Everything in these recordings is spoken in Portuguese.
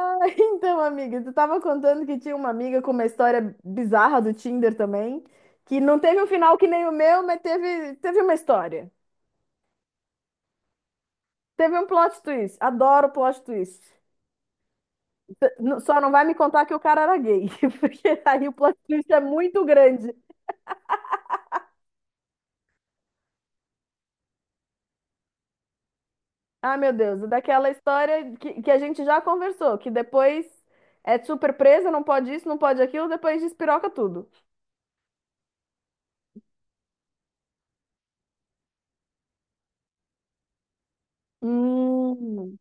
Então, amiga, tu tava contando que tinha uma amiga com uma história bizarra do Tinder também, que não teve um final que nem o meu, mas teve uma história. Teve um plot twist. Adoro plot twist. Só não vai me contar que o cara era gay, porque aí o plot twist é muito grande. Ah, meu Deus, daquela história que a gente já conversou, que depois é super presa, não pode isso, não pode aquilo, depois despiroca tudo. Hum.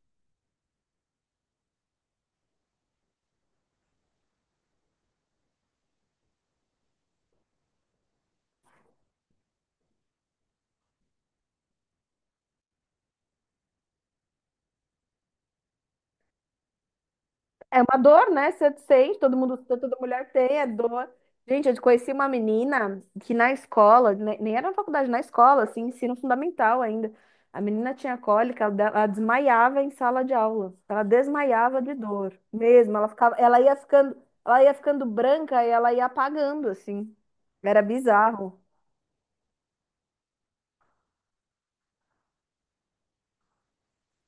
É uma dor, né? Você sente, todo mundo, toda mulher tem, é dor. Gente, eu conheci uma menina que na escola, nem era na faculdade, na escola, assim, ensino fundamental ainda. A menina tinha cólica, ela ela desmaiava em sala de aula. Ela desmaiava de dor, mesmo. Ela ia ficando branca e ela ia apagando, assim. Era bizarro.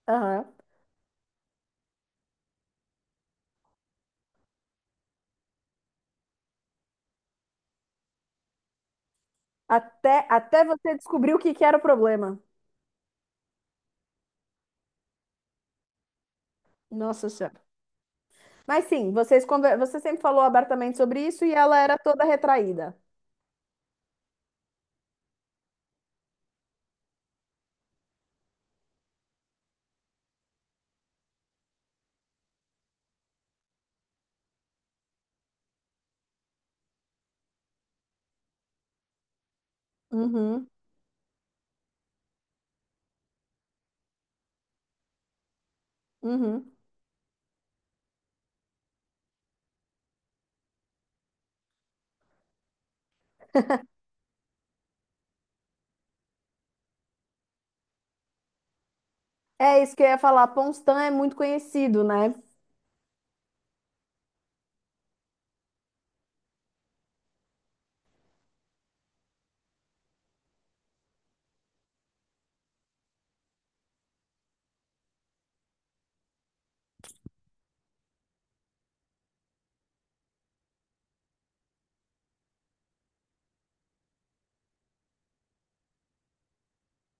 Aham. Até você descobrir o que que era o problema. Nossa Senhora. Mas sim, vocês conver... você sempre falou abertamente sobre isso e ela era toda retraída. Uhum, uhum. É isso que eu ia falar. Ponstan é muito conhecido, né?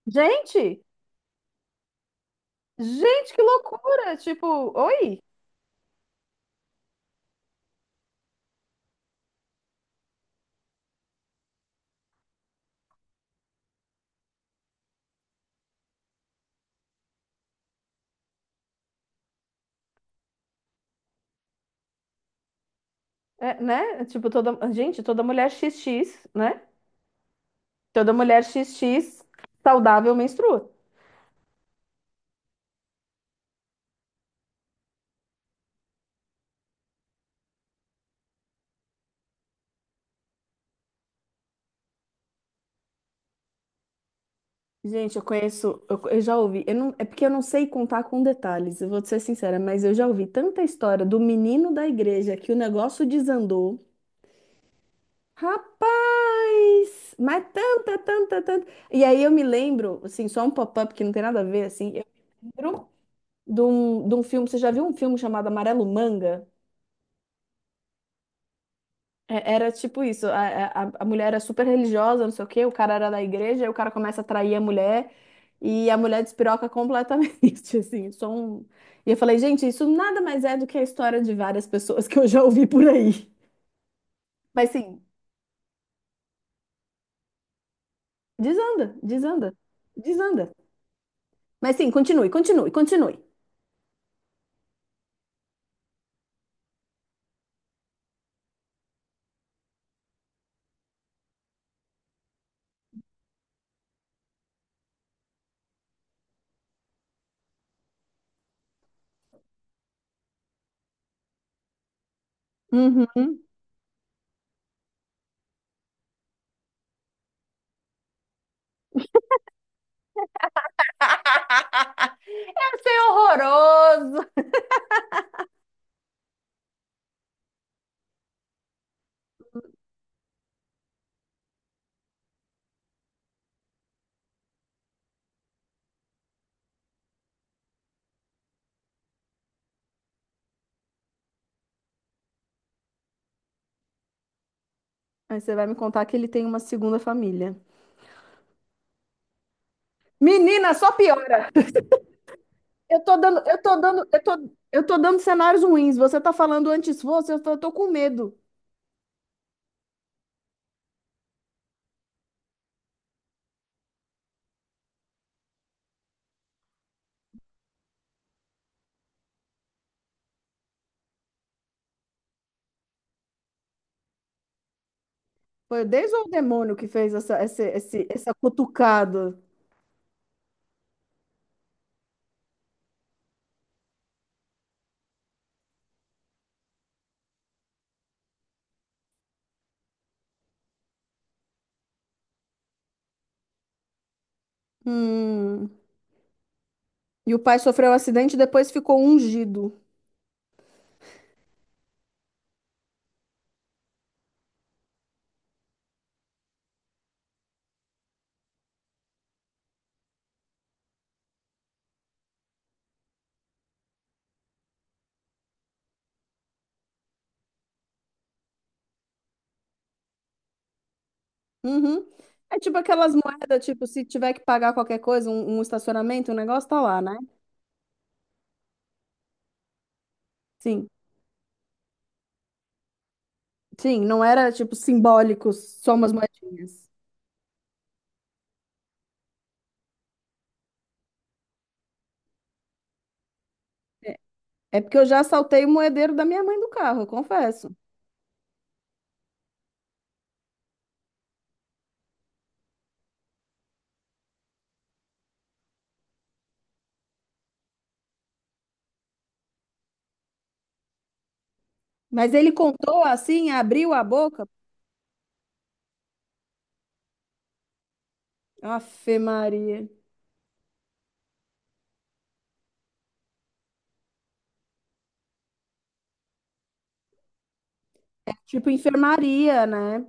Gente, gente, que loucura! Tipo, oi. É, né? Tipo, toda, gente, toda mulher X X, né? Toda mulher X X saudável menstrua. Gente, eu conheço, eu já ouvi, eu não, é porque eu não sei contar com detalhes, eu vou te ser sincera, mas eu já ouvi tanta história do menino da igreja que o negócio desandou. Rapaz! Mas tanta, tanta, tanta. E aí eu me lembro, assim, só um pop-up que não tem nada a ver, assim. Eu lembro de um filme. Você já viu um filme chamado Amarelo Manga? Era tipo isso: a mulher era super religiosa, não sei o quê, o cara era da igreja, aí o cara começa a trair a mulher e a mulher despiroca completamente, assim. Só um... E eu falei, gente, isso nada mais é do que a história de várias pessoas que eu já ouvi por aí. Mas sim, desanda, desanda, desanda. Mas sim, continue, continue, continue. Uhum. É horroroso. Aí você vai me contar que ele tem uma segunda família. Menina, só piora. Eu tô dando cenários ruins. Você tá falando antes fosse, eu tô com medo. Foi o Deus ou o demônio que fez essa cutucada? Hum. E o pai sofreu um acidente e depois ficou ungido. Uhum. É tipo aquelas moedas, tipo, se tiver que pagar qualquer coisa, um estacionamento, o negócio tá lá, né? Sim. Sim, não era tipo simbólico, só umas moedinhas. É é porque eu já saltei o moedeiro da minha mãe do carro, eu confesso. Mas ele contou assim, abriu a boca. Afe Maria. É tipo enfermaria, né?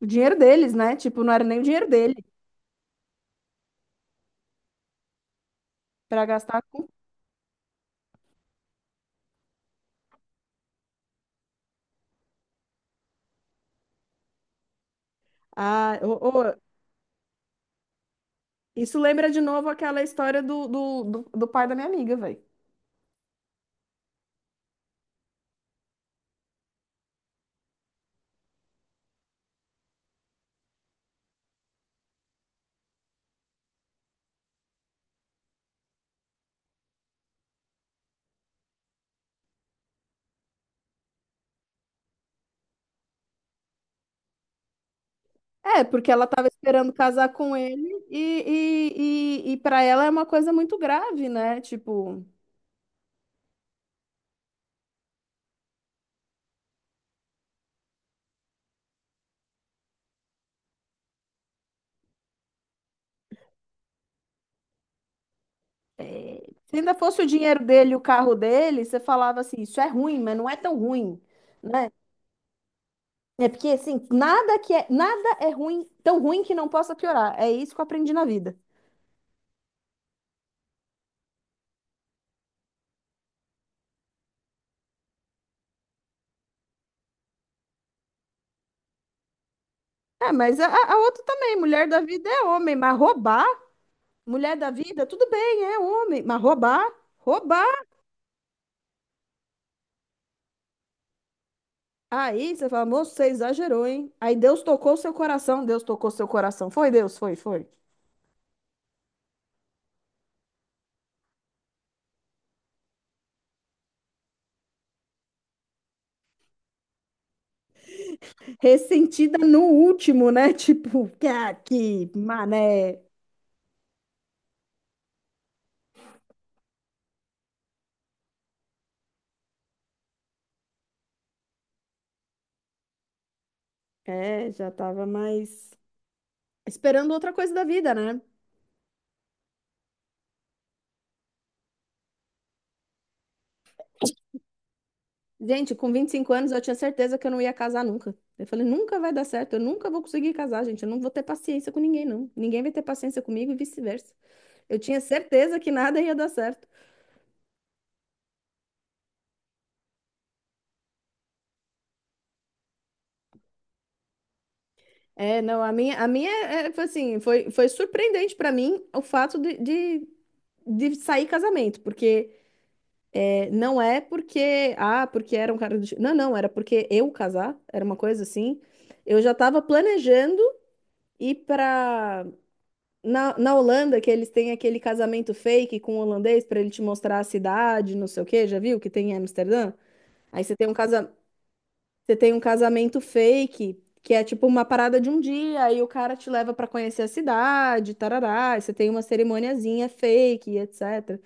O dinheiro deles, né? Tipo, não era nem o dinheiro dele para gastar com. Ah, ô, ô, isso lembra de novo aquela história do pai da minha amiga, velho. É, porque ela tava esperando casar com ele e para ela é uma coisa muito grave, né? Tipo. Se ainda fosse o dinheiro dele e o carro dele, você falava assim, isso é ruim, mas não é tão ruim, né? É porque assim, nada é ruim, tão ruim que não possa piorar. É isso que eu aprendi na vida. É, mas a outra também, mulher da vida é homem, mas roubar, mulher da vida, tudo bem, é homem, mas roubar, roubar. Aí você fala, moço, você exagerou, hein? Aí Deus tocou seu coração, Deus tocou seu coração. Foi Deus, foi, foi. Ressentida no último, né? Tipo, que mané. É, já tava mais esperando outra coisa da vida, né? Gente, com 25 anos eu tinha certeza que eu não ia casar nunca. Eu falei, nunca vai dar certo, eu nunca vou conseguir casar, gente. Eu não vou ter paciência com ninguém, não. Ninguém vai ter paciência comigo e vice-versa. Eu tinha certeza que nada ia dar certo. É, não, a minha foi assim, foi, foi surpreendente pra mim o fato de sair casamento, porque é, não é porque, ah, porque era um cara do... Não, não, era porque eu casar, era uma coisa assim. Eu já tava planejando E pra. Na Holanda, que eles têm aquele casamento fake com o holandês para ele te mostrar a cidade, não sei o quê, já viu? Que tem em Amsterdã? Aí você tem um casa... você tem um casamento fake, que é tipo uma parada de um dia, aí o cara te leva para conhecer a cidade, tarará, aí você tem uma cerimoniazinha fake, etc.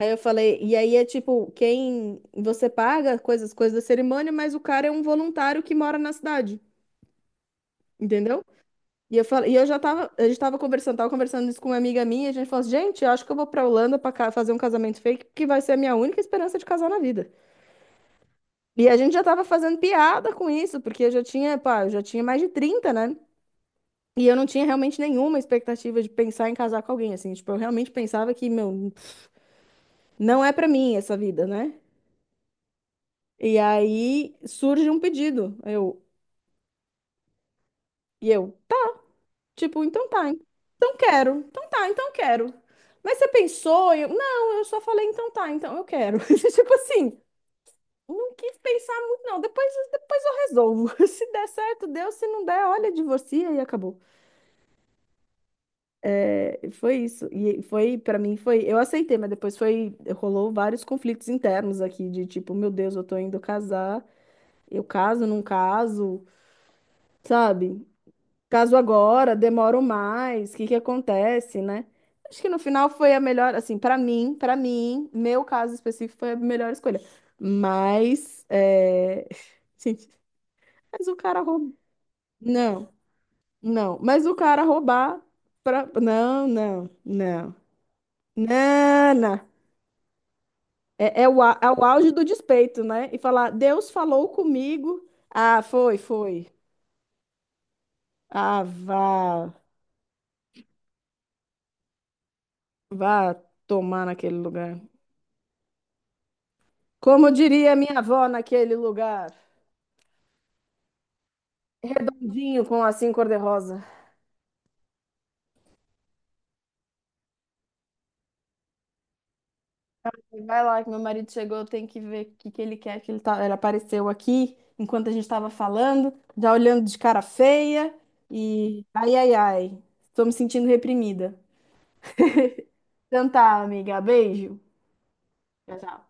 Aí eu falei, e aí é tipo, quem você paga coisas, coisas da cerimônia, mas o cara é um voluntário que mora na cidade, entendeu? E eu falei, e eu já tava, a gente tava conversando isso com uma amiga minha, e a gente falou assim, gente, eu acho que eu vou pra Holanda pra fazer um casamento fake, porque vai ser a minha única esperança de casar na vida. E a gente já tava fazendo piada com isso, porque eu já tinha, pá, eu já tinha mais de 30 né? E eu não tinha realmente nenhuma expectativa de pensar em casar com alguém, assim, tipo, eu realmente pensava que, meu, não é pra mim essa vida, né? E aí surge um pedido, eu, e eu. Tipo, então tá, então quero, então tá, então quero. Mas você pensou? Eu, não, eu só falei, então tá, então eu quero. Tipo assim, não quis pensar muito, não. Depois eu resolvo. Se der certo, deu. Se não der, olha, divorcia e acabou. É, foi isso. E foi, pra mim, foi. Eu aceitei, mas depois foi. Rolou vários conflitos internos aqui, de tipo, meu Deus, eu tô indo casar, eu caso, não caso, sabe? Caso agora, demoro mais, o que que acontece, né? Acho que no final foi a melhor, assim, para mim, meu caso específico foi a melhor escolha. Mas, é... gente, mas o cara roubou. Não, não, mas o cara roubar pra... não. É, é o, é o auge do despeito, né? E falar, Deus falou comigo. Ah, foi, foi. Ah, vá, vá tomar naquele lugar. Como diria minha avó naquele lugar, redondinho com lacinho cor-de-rosa. Vai lá, que meu marido chegou, eu tenho que ver o que ele quer, que ele, tá... ele apareceu aqui enquanto a gente estava falando, já olhando de cara feia e ai, ai, ai, estou me sentindo reprimida. Então tá, amiga, beijo. Tchau, tchau.